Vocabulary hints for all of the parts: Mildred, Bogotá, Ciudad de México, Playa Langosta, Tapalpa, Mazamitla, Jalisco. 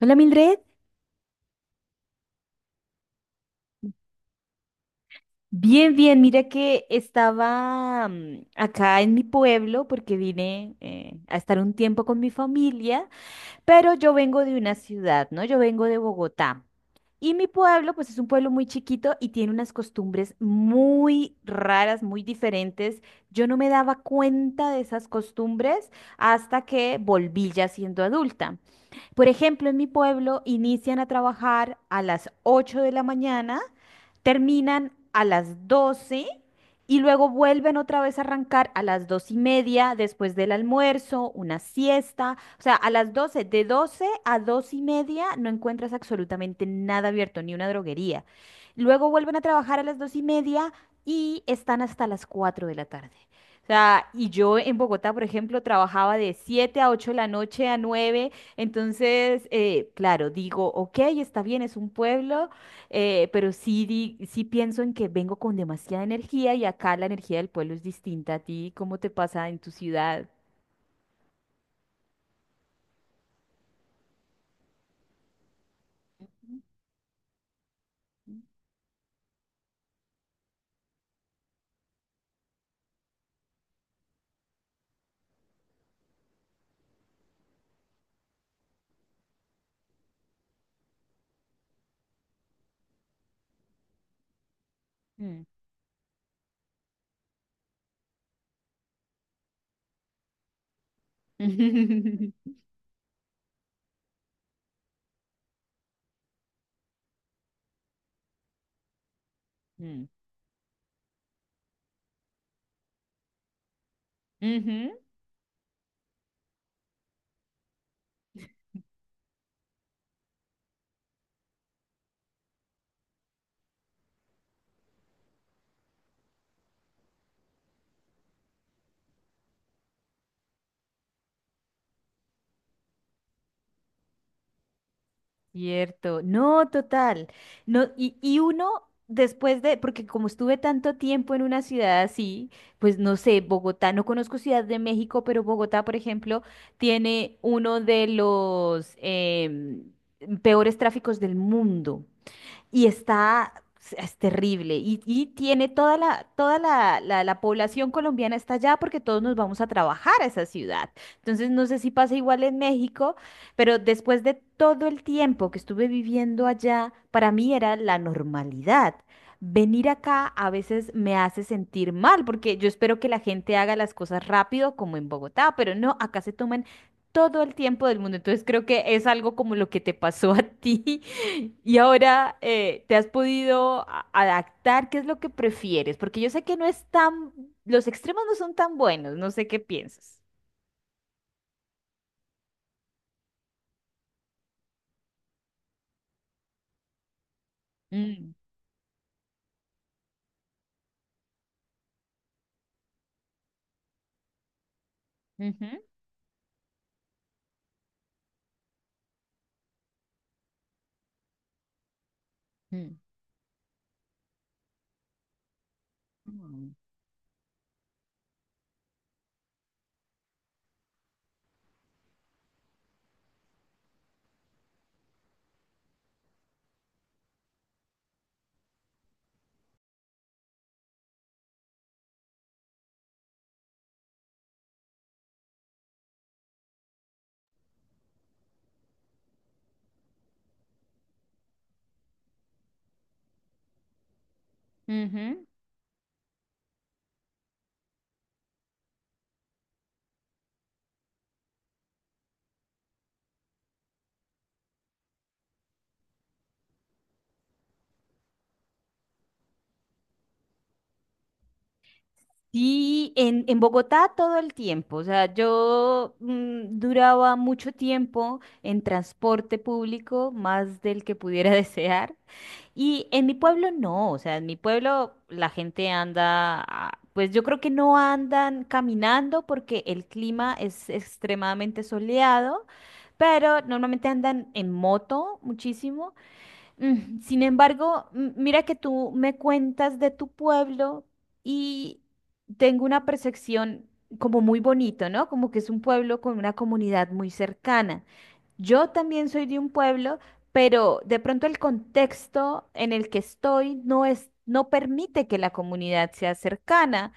Hola Mildred, bien, bien, mira que estaba acá en mi pueblo porque vine a estar un tiempo con mi familia, pero yo vengo de una ciudad, ¿no? Yo vengo de Bogotá. Y mi pueblo, pues es un pueblo muy chiquito y tiene unas costumbres muy raras, muy diferentes. Yo no me daba cuenta de esas costumbres hasta que volví ya siendo adulta. Por ejemplo, en mi pueblo inician a trabajar a las 8 de la mañana, terminan a las 12 y luego vuelven otra vez a arrancar a las 2 y media después del almuerzo, una siesta. O sea, a las doce, de 12 a 2 y media no encuentras absolutamente nada abierto, ni una droguería. Luego vuelven a trabajar a las 2 y media y están hasta las 4 de la tarde. O sea, y yo en Bogotá, por ejemplo, trabajaba de 7 a 8 de la noche, a nueve. Entonces, claro, digo, ok, está bien, es un pueblo, pero sí, sí pienso en que vengo con demasiada energía y acá la energía del pueblo es distinta a ti. ¿Cómo te pasa en tu ciudad? Mm. Mm. Ujú. Cierto, no, total. No, y uno después de, porque como estuve tanto tiempo en una ciudad así, pues no sé, Bogotá, no conozco Ciudad de México, pero Bogotá, por ejemplo, tiene uno de los peores tráficos del mundo y está, es terrible. Y tiene toda la población colombiana está allá porque todos nos vamos a trabajar a esa ciudad. Entonces, no sé si pasa igual en México, pero después de todo el tiempo que estuve viviendo allá, para mí era la normalidad. Venir acá a veces me hace sentir mal porque yo espero que la gente haga las cosas rápido como en Bogotá, pero no, acá se toman todo el tiempo del mundo. Entonces creo que es algo como lo que te pasó a ti. Y ahora, ¿te has podido adaptar? ¿Qué es lo que prefieres? Porque yo sé que no es tan, los extremos no son tan buenos, no sé qué piensas. Mm. Ujú. Mm. Mm. Ujú. Sí, en, Bogotá todo el tiempo. O sea, yo duraba mucho tiempo en transporte público, más del que pudiera desear. Y en mi pueblo no, o sea, en mi pueblo la gente anda, ah, pues yo creo que no andan caminando porque el clima es extremadamente soleado, pero normalmente andan en moto muchísimo. Sin embargo, mira que tú me cuentas de tu pueblo y tengo una percepción como muy bonito, ¿no? Como que es un pueblo con una comunidad muy cercana. Yo también soy de un pueblo, pero de pronto el contexto en el que estoy no es, no permite que la comunidad sea cercana,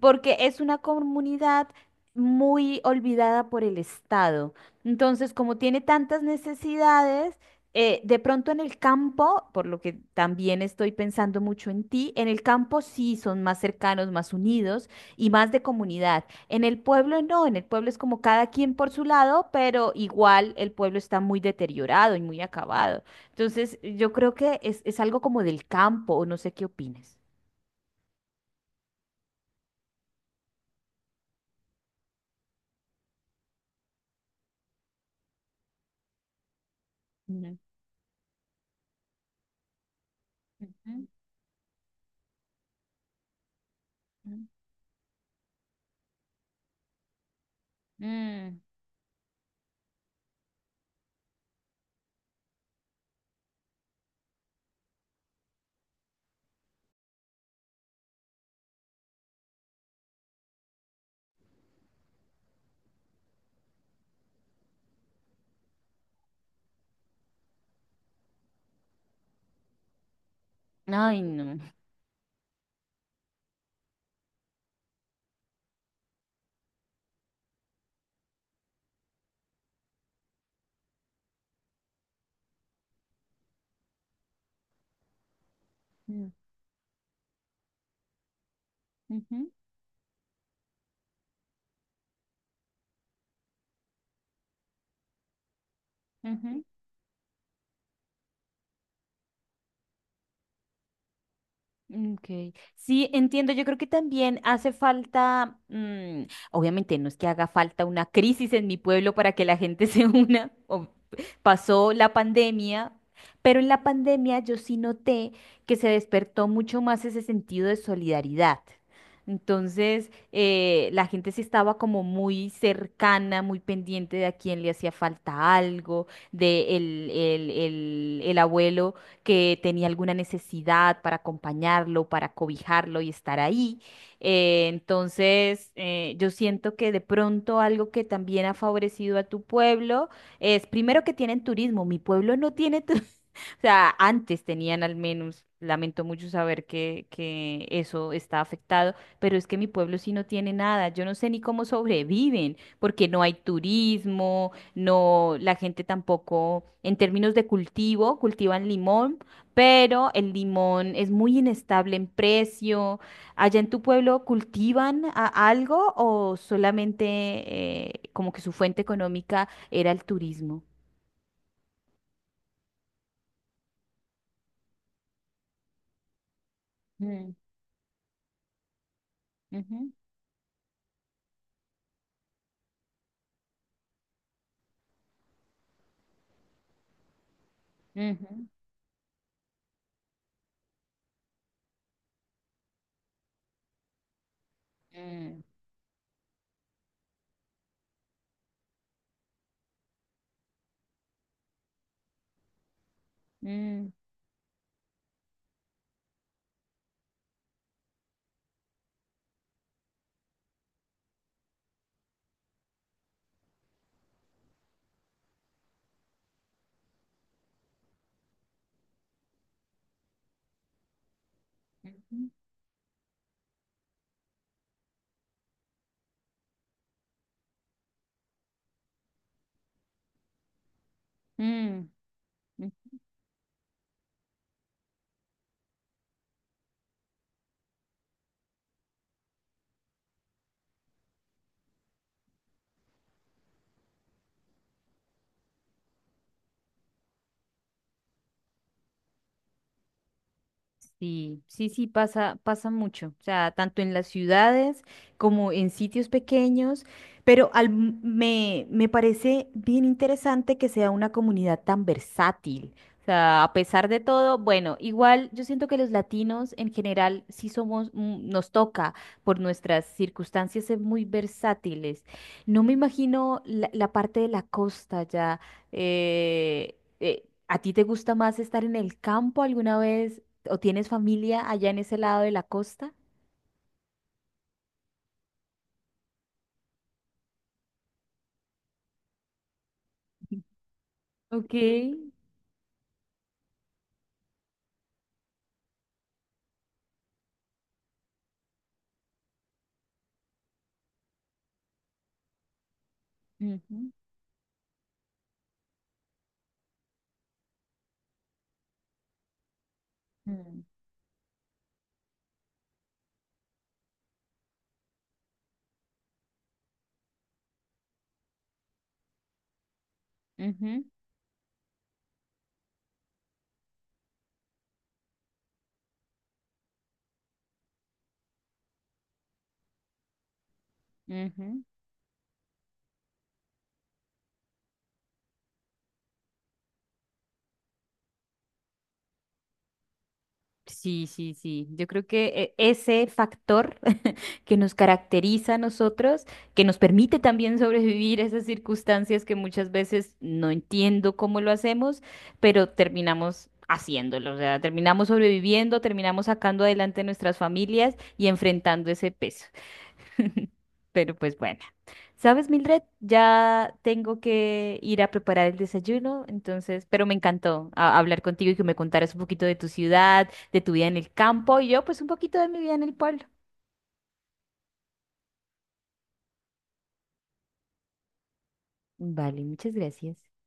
porque es una comunidad muy olvidada por el Estado. Entonces, como tiene tantas necesidades, de pronto en el campo, por lo que también estoy pensando mucho en ti, en el campo sí son más cercanos, más unidos y más de comunidad. En el pueblo no, en el pueblo es como cada quien por su lado, pero igual el pueblo está muy deteriorado y muy acabado. Entonces, yo creo que es, algo como del campo, o no sé qué opines. Ujú. Ujú. Ujú. Mm. Ay, no. Mm. Ujú. Ujú. Okay. Sí, entiendo. Yo creo que también hace falta, obviamente no es que haga falta una crisis en mi pueblo para que la gente se una. Pasó la pandemia, pero en la pandemia yo sí noté que se despertó mucho más ese sentido de solidaridad. Entonces, la gente sí estaba como muy cercana, muy pendiente de a quién le hacía falta algo, de el abuelo que tenía alguna necesidad para acompañarlo, para cobijarlo y estar ahí. Entonces, yo siento que de pronto algo que también ha favorecido a tu pueblo es, primero que tienen turismo, mi pueblo no tiene turismo. O sea, antes tenían al menos, lamento mucho saber que eso está afectado, pero es que mi pueblo sí no tiene nada, yo no sé ni cómo sobreviven, porque no hay turismo, no, la gente tampoco, en términos de cultivo, cultivan limón, pero el limón es muy inestable en precio. ¿Allá en tu pueblo cultivan algo o solamente como que su fuente económica era el turismo? Mm. Ujú. Ujú. Mm. Mm. Ujú. Ujú. Mm. Sí, sí, sí, pasa, pasa mucho, o sea, tanto en las ciudades como en sitios pequeños, pero me parece bien interesante que sea una comunidad tan versátil, o sea, a pesar de todo, bueno, igual yo siento que los latinos en general sí somos, nos toca por nuestras circunstancias ser muy versátiles. No me imagino la parte de la costa ya. eh, eh, ¿A ti te gusta más estar en el campo alguna vez? ¿O tienes familia allá en ese lado de la costa? Ok. Ujú. Mm. Ujú. Ujú. Sí, sí, sí. Yo creo que ese factor que nos caracteriza a nosotros, que nos permite también sobrevivir a esas circunstancias que muchas veces no entiendo cómo lo hacemos, pero terminamos haciéndolo. O sea, terminamos sobreviviendo, terminamos sacando adelante nuestras familias y enfrentando ese peso. Pero pues bueno, ¿sabes, Mildred? Ya tengo que ir a preparar el desayuno, entonces, pero me encantó hablar contigo y que me contaras un poquito de tu ciudad, de tu vida en el campo y yo pues un poquito de mi vida en el pueblo. Vale, muchas gracias.